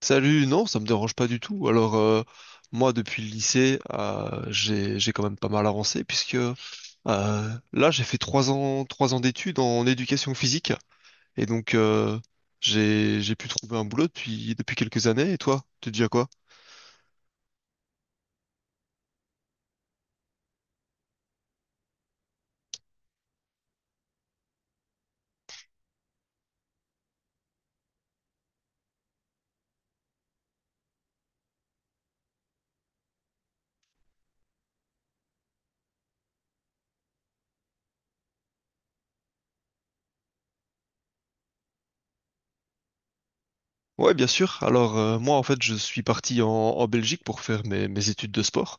Salut, non, ça me dérange pas du tout. Alors, moi, depuis le lycée, j'ai quand même pas mal avancé puisque là, j'ai fait 3 ans d'études en éducation physique et donc j'ai pu trouver un boulot depuis quelques années. Et toi, tu dis à quoi? Ouais, bien sûr. Alors, moi, en fait, je suis parti en Belgique pour faire mes études de sport.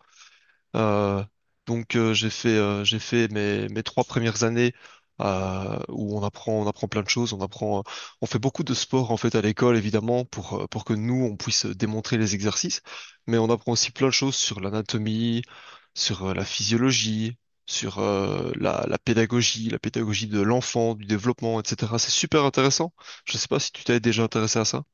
Euh, donc j'ai fait mes trois premières années où on apprend plein de choses, on fait beaucoup de sport en fait à l'école évidemment pour que nous on puisse démontrer les exercices, mais on apprend aussi plein de choses sur l'anatomie, sur la physiologie, sur la pédagogie de l'enfant, du développement, etc. C'est super intéressant. Je sais pas si tu t'es déjà intéressé à ça.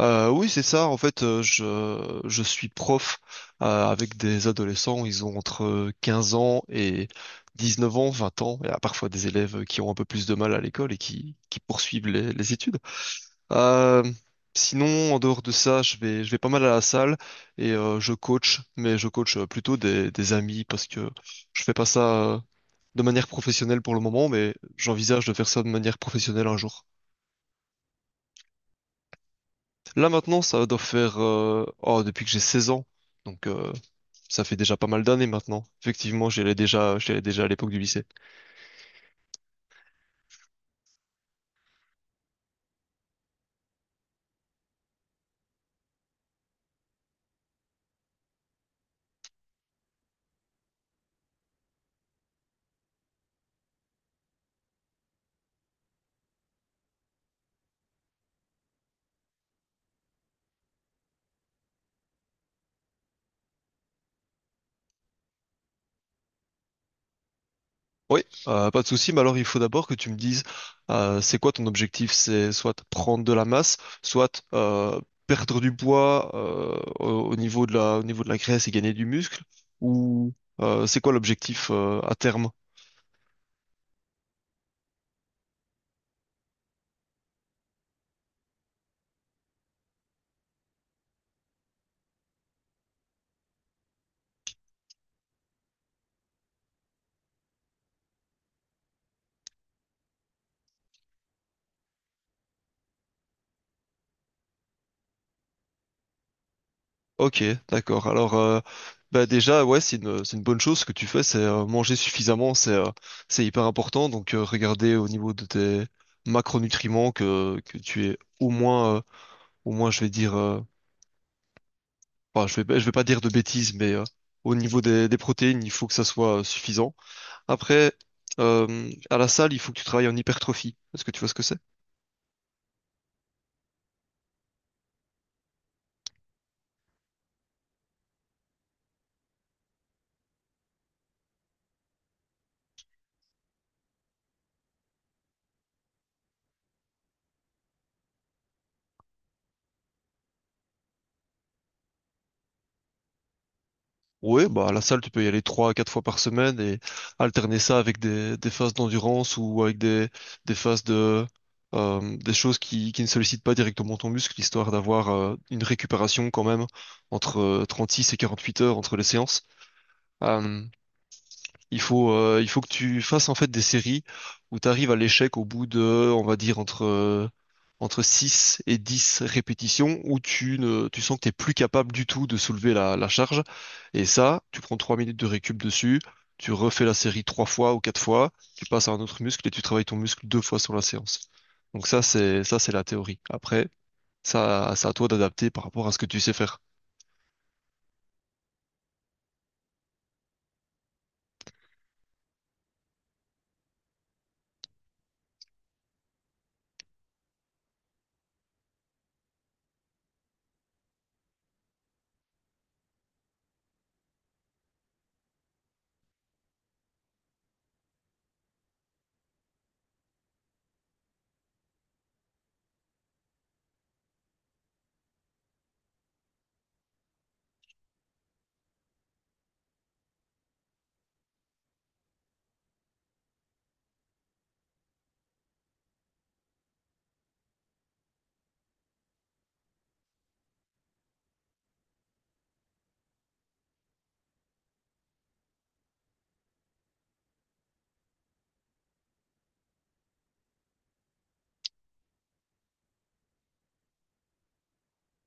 Oui, c'est ça. En fait, je suis prof avec des adolescents. Ils ont entre 15 ans et 19 ans, 20 ans. Il y a parfois des élèves qui ont un peu plus de mal à l'école et qui poursuivent les études. Euh, Sinon, en dehors de ça, je vais pas mal à la salle et je coach, mais je coach plutôt des amis parce que je fais pas ça euh, de manière professionnelle pour le moment, mais j'envisage de faire ça de manière professionnelle un jour. Là maintenant, ça doit faire depuis que j'ai 16 ans. Donc euh, Ça fait déjà pas mal d'années maintenant. Effectivement, j'y allais déjà à l'époque du lycée. Oui, pas de souci, mais alors il faut d'abord que tu me dises c'est quoi ton objectif? C'est soit prendre de la masse, soit perdre du poids au au niveau de au niveau de la graisse et gagner du muscle, ou c'est quoi l'objectif à terme? Ok, d'accord. Alors, bah déjà, ouais, c'est une bonne chose. Ce que tu fais, c'est manger suffisamment, c'est hyper important. Donc, regardez au niveau de tes macronutriments que tu es au moins, au moins, je vais dire, je vais pas dire de bêtises, mais au niveau des protéines, il faut que ça soit suffisant. Après, à la salle, il faut que tu travailles en hypertrophie. Est-ce que tu vois ce que c'est? Ouais, bah à la salle, tu peux y aller 3 à 4 fois par semaine et alterner ça avec des phases d'endurance ou avec des phases de des choses qui ne sollicitent pas directement ton muscle, histoire d'avoir une récupération quand même entre 36 et 48 heures entre les séances. Euh, il faut que tu fasses en fait des séries où tu arrives à l'échec au bout de, on va dire, entre 6 et 10 répétitions où tu ne, tu sens que t'es plus capable du tout de soulever la charge. Et ça, tu prends 3 minutes de récup dessus, tu refais la série 3 fois ou 4 fois, tu passes à un autre muscle et tu travailles ton muscle 2 fois sur la séance. Donc ça, c'est la théorie. Après, ça, c'est à toi d'adapter par rapport à ce que tu sais faire.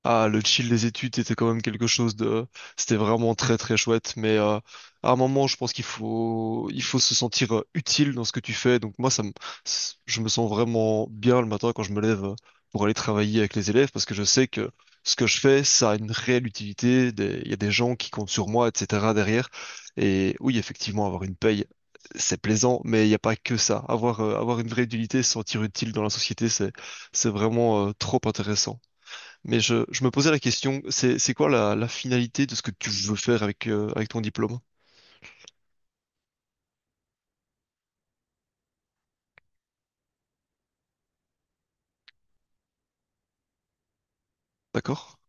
Ah, le chill des études était quand même quelque chose de… C'était vraiment très très chouette, mais à un moment, je pense qu'il faut se sentir utile dans ce que tu fais. Donc moi, ça me… je me sens vraiment bien le matin quand je me lève pour aller travailler avec les élèves, parce que je sais que ce que je fais, ça a une réelle utilité. Il y a des gens qui comptent sur moi, etc. derrière. Et oui, effectivement, avoir une paye, c'est plaisant, mais il n'y a pas que ça. Avoir, avoir une vraie utilité, se sentir utile dans la société, c'est vraiment trop intéressant. Mais je me posais la question, c'est quoi la finalité de ce que tu veux faire avec, avec ton diplôme? D'accord?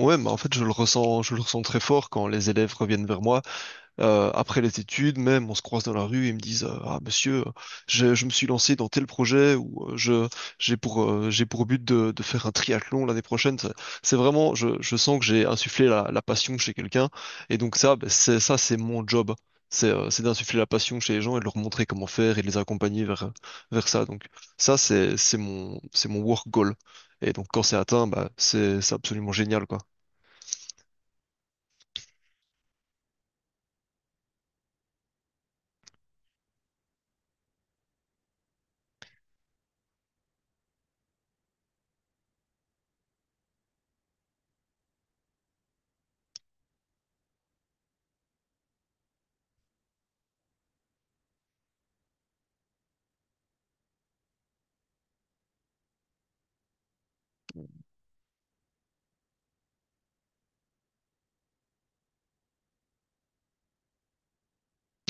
Ouais, mais en fait, je le ressens très fort quand les élèves reviennent vers moi. Après les études, même, on se croise dans la rue et ils me disent ah monsieur, je me suis lancé dans tel projet ou je j'ai pour but de faire un triathlon l'année prochaine. C'est vraiment, je sens que j'ai insufflé la passion chez quelqu'un et donc ça, ben, c'est mon job. C'est d'insuffler la passion chez les gens et de leur montrer comment faire et de les accompagner vers ça. Donc ça, c'est mon work goal. Et donc quand c'est atteint, bah c'est absolument génial quoi.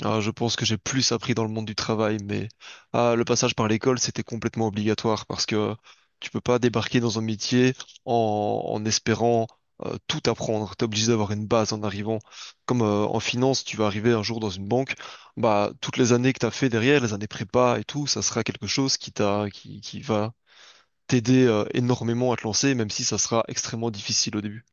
Ah, je pense que j'ai plus appris dans le monde du travail, mais ah, le passage par l'école, c'était complètement obligatoire parce que tu peux pas débarquer dans un métier en, en espérant tout apprendre. T'es obligé d'avoir une base en arrivant. Comme en finance, tu vas arriver un jour dans une banque, bah toutes les années que t'as fait derrière, les années prépa et tout, ça sera quelque chose qui qui va t'aider énormément à te lancer, même si ça sera extrêmement difficile au début.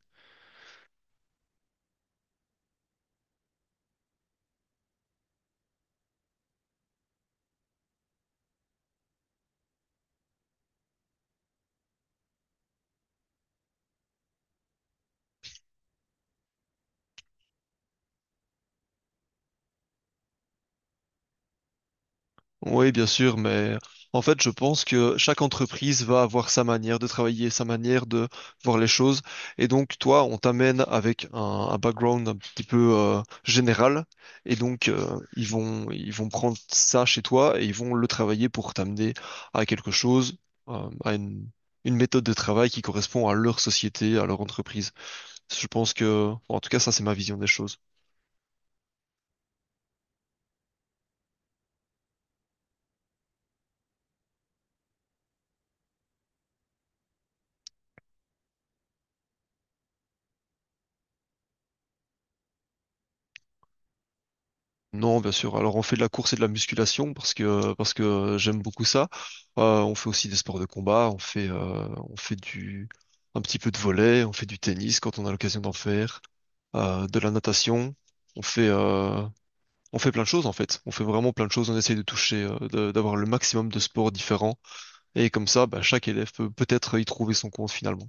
Oui, bien sûr, mais en fait, je pense que chaque entreprise va avoir sa manière de travailler, sa manière de voir les choses. Et donc, toi, on t'amène avec un background un petit peu général. Et donc, ils vont prendre ça chez toi et ils vont le travailler pour t'amener à quelque chose, à une méthode de travail qui correspond à leur société, à leur entreprise. Je pense que, bon, en tout cas, ça, c'est ma vision des choses. Non, bien sûr. Alors on fait de la course et de la musculation parce que j'aime beaucoup ça. On fait aussi des sports de combat. On fait du un petit peu de volley. On fait du tennis quand on a l'occasion d'en faire. De la natation. On fait euh, on fait plein de choses en fait. On fait vraiment plein de choses. On essaye de d'avoir le maximum de sports différents et comme ça, bah, chaque élève peut peut-être y trouver son compte finalement.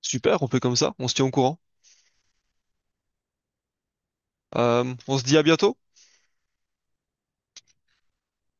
Super, on fait comme ça, on se tient au courant. On se dit à bientôt.